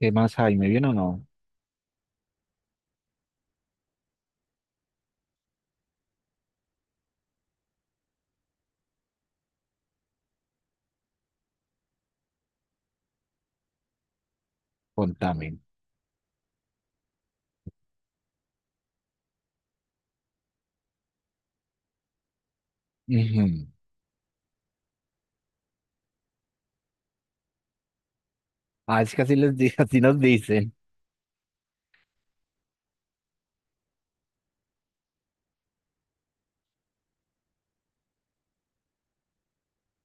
¿Qué más hay? ¿Me viene o no? Contame. Ujú. Ah, es que así, les di- así nos dicen.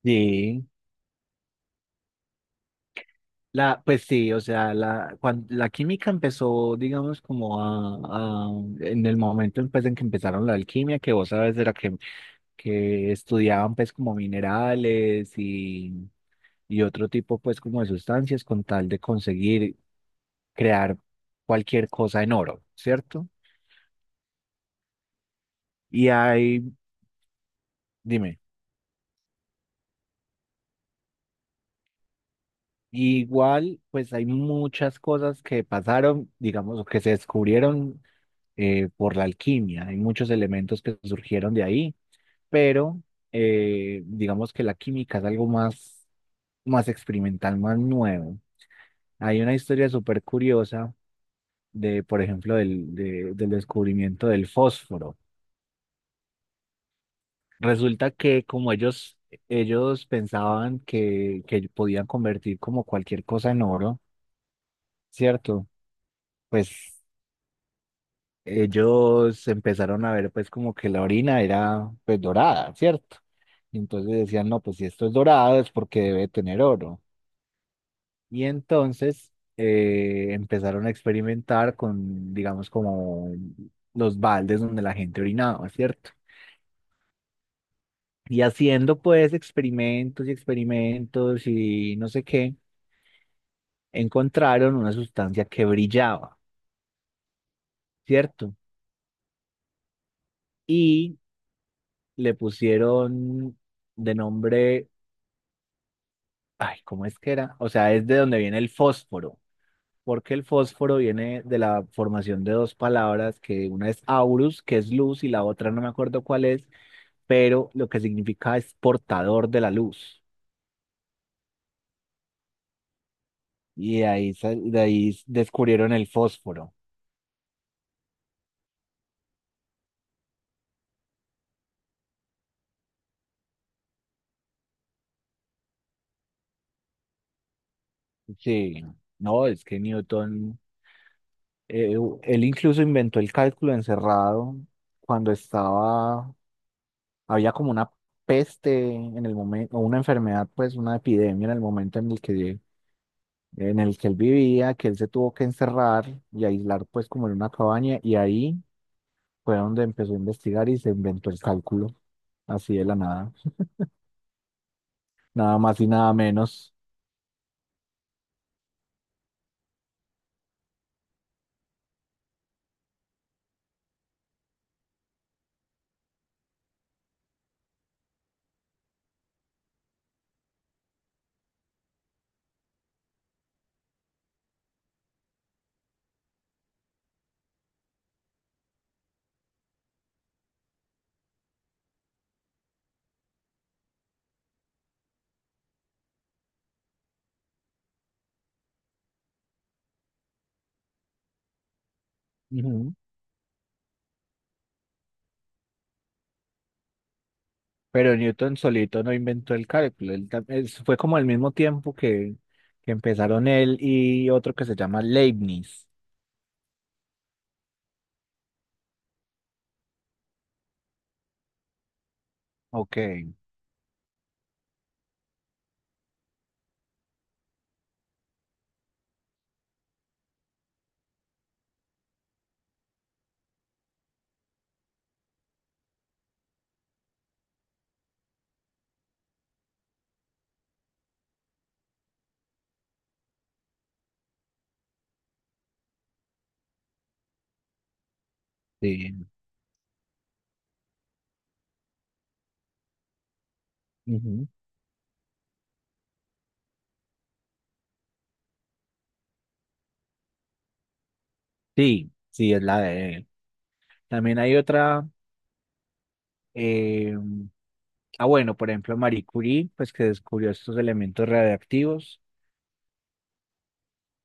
Sí. Pues sí, o sea, la, cuan- la química empezó, digamos, como en el momento pues, en que empezaron la alquimia, que vos sabes, era que estudiaban pues como minerales y otro tipo pues como de sustancias con tal de conseguir crear cualquier cosa en oro, ¿cierto? Y hay, dime. Igual, pues hay muchas cosas que pasaron, digamos, o que se descubrieron por la alquimia. Hay muchos elementos que surgieron de ahí, pero digamos que la química es algo más, más experimental, más nuevo. Hay una historia súper curiosa de, por ejemplo, del descubrimiento del fósforo. Resulta que como ellos pensaban que podían convertir como cualquier cosa en oro, ¿cierto? Pues ellos empezaron a ver pues como que la orina era pues dorada, ¿cierto? Y entonces decían, no, pues si esto es dorado es porque debe tener oro. Y entonces empezaron a experimentar con, digamos, como los baldes donde la gente orinaba, ¿cierto? Y haciendo pues experimentos y experimentos y no sé qué, encontraron una sustancia que brillaba, ¿cierto? Y le pusieron de nombre ay, ¿cómo es que era? O sea, es de donde viene el fósforo, porque el fósforo viene de la formación de dos palabras, que una es aurus, que es luz, y la otra no me acuerdo cuál es, pero lo que significa es portador de la luz. Y de ahí, sa- de ahí s- descubrieron el fósforo. Sí, no, es que Newton, u- él incluso inventó el cálculo encerrado cuando estaba, había como una peste en el momento, o una enfermedad, pues una epidemia en el momento en el que él vivía, que él se tuvo que encerrar y aislar pues como en una cabaña y ahí fue donde empezó a investigar y se inventó el cálculo, así de la nada, nada más y nada menos. Ujú. Pero Newton solito no inventó el cálculo, él tam- es- fue como al mismo tiempo que empezaron él y otro que se llama Leibniz. Ok, sí. Ujú. Sí, sí, es la de él. También hay otra, ah, bueno, por ejemplo, Marie Curie, pues que descubrió estos elementos radiactivos,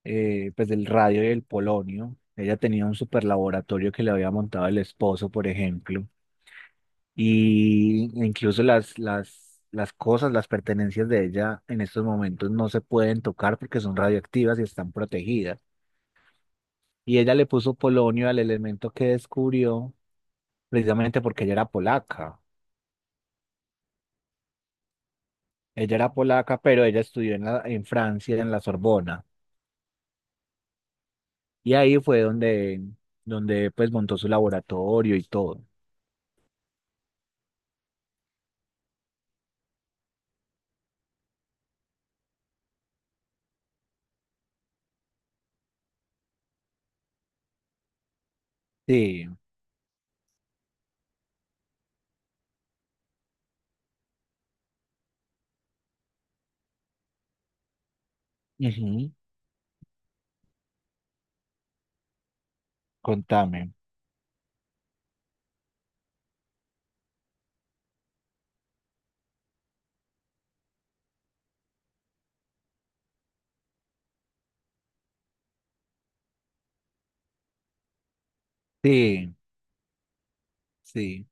pues del radio y del polonio. Ella tenía un super laboratorio que le había montado el esposo, por ejemplo, y incluso las cosas, las pertenencias de ella en estos momentos no se pueden tocar porque son radioactivas y están protegidas. Y ella le puso polonio al elemento que descubrió, precisamente porque ella era polaca. Ella era polaca, pero ella estudió en la, en Francia, en la Sorbona. Y ahí fue donde, donde pues montó su laboratorio y todo. Sí, ujú. Contame. Sí, sí.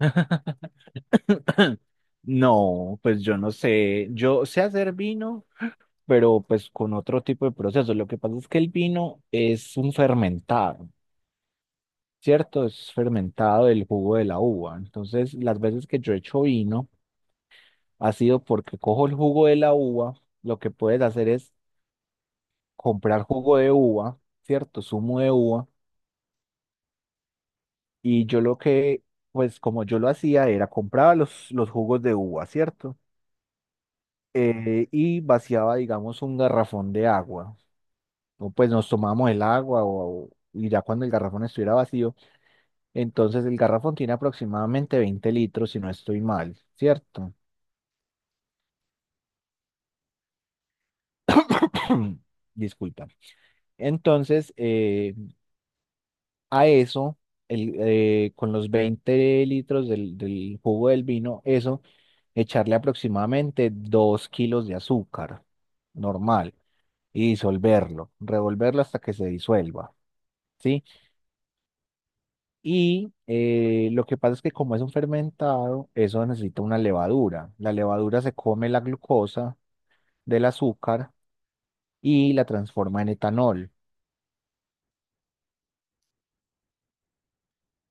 No, pues yo no sé. Yo sé hacer vino, pero pues con otro tipo de proceso. Lo que pasa es que el vino es un fermentado, ¿cierto? Es fermentado del jugo de la uva. Entonces, las veces que yo he hecho vino ha sido porque cojo el jugo de la uva, lo que puedes hacer es comprar jugo de uva, ¿cierto? Zumo de uva. Y yo lo que, pues como yo lo hacía era compraba los jugos de uva, ¿cierto? Y vaciaba, digamos, un garrafón de agua. O pues nos tomábamos el agua o- y ya cuando el garrafón estuviera vacío, entonces el garrafón tiene aproximadamente 20 litros, si no estoy mal, ¿cierto? Disculpa. Entonces, a eso, con los 20 litros del, del jugo del vino, eso echarle aproximadamente 2 kilos de azúcar normal y disolverlo, revolverlo hasta que se disuelva, ¿sí? Y lo que pasa es que como es un fermentado, eso necesita una levadura. La levadura se come la glucosa del azúcar y la transforma en etanol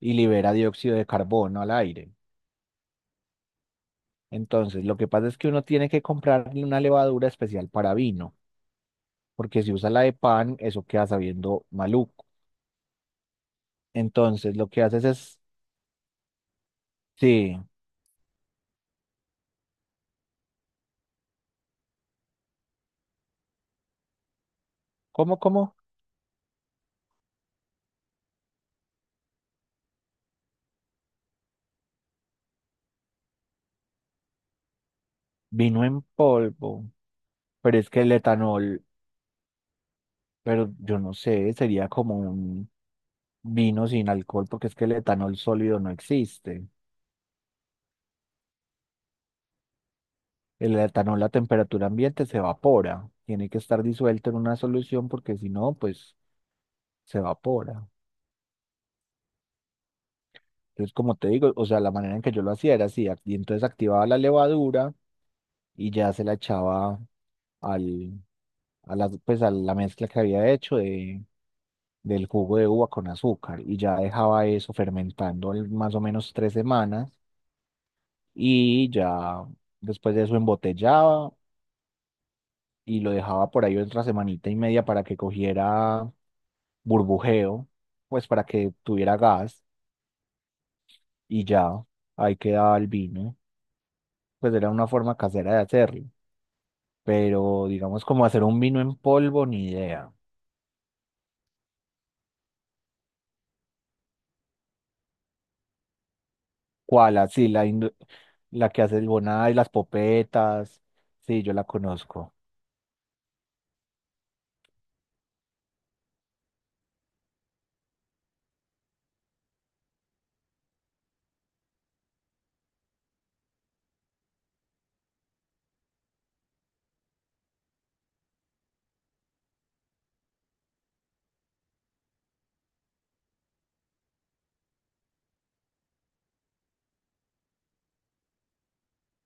y libera dióxido de carbono al aire. Entonces, lo que pasa es que uno tiene que comprar una levadura especial para vino, porque si usa la de pan, eso queda sabiendo maluco. Entonces, lo que haces es sí, ¿cómo, cómo? Vino en polvo, pero es que el etanol, pero yo no sé, sería como un vino sin alcohol, porque es que el etanol sólido no existe. El etanol a temperatura ambiente se evapora, tiene que estar disuelto en una solución porque si no, pues se evapora. Entonces, como te digo, o sea, la manera en que yo lo hacía era así, ac- y entonces activaba la levadura. Y ya se la echaba al, a la, pues a la mezcla que había hecho de, del jugo de uva con azúcar y ya dejaba eso fermentando al- más o menos 3 semanas y ya después de eso embotellaba y lo dejaba por ahí otra semanita y media para que cogiera burbujeo, pues para que tuviera gas y ya ahí quedaba el vino. Pues era una forma casera de hacerlo, pero digamos como hacer un vino en polvo, ni idea. ¿Cuál? Así, la, indu- la que hace el Bonai, las popetas. Sí, yo la conozco. O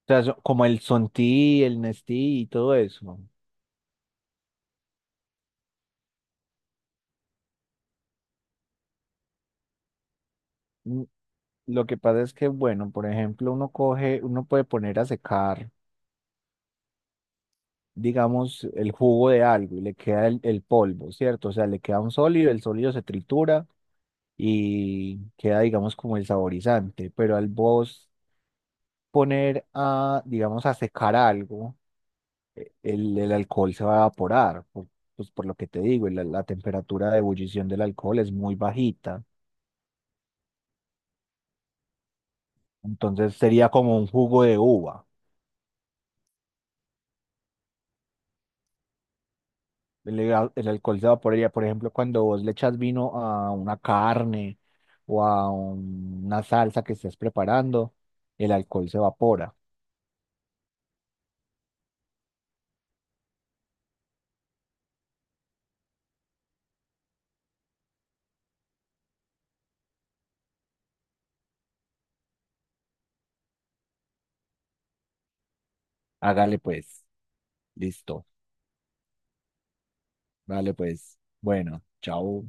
sea, so- como el Sonti, el Nestí y todo eso. Mm, lo que pasa es que, bueno, por ejemplo, uno coge, uno puede poner a secar, digamos, el jugo de algo y le queda el polvo, ¿cierto? O sea, le queda un sólido, el sólido se tritura y queda, digamos, como el saborizante. Pero al vos poner a, digamos, a secar algo. Eh, el alcohol se va a evaporar, por- pues por lo que te digo, la temperatura de ebullición del alcohol es muy bajita, entonces sería como un jugo de uva. El, ega- el alcohol se evaporaría, por ejemplo, cuando vos le echas vino a una carne o a un- una salsa que estés preparando, el alcohol se evapora. Hágale pues, listo, dale pues, bueno, chao.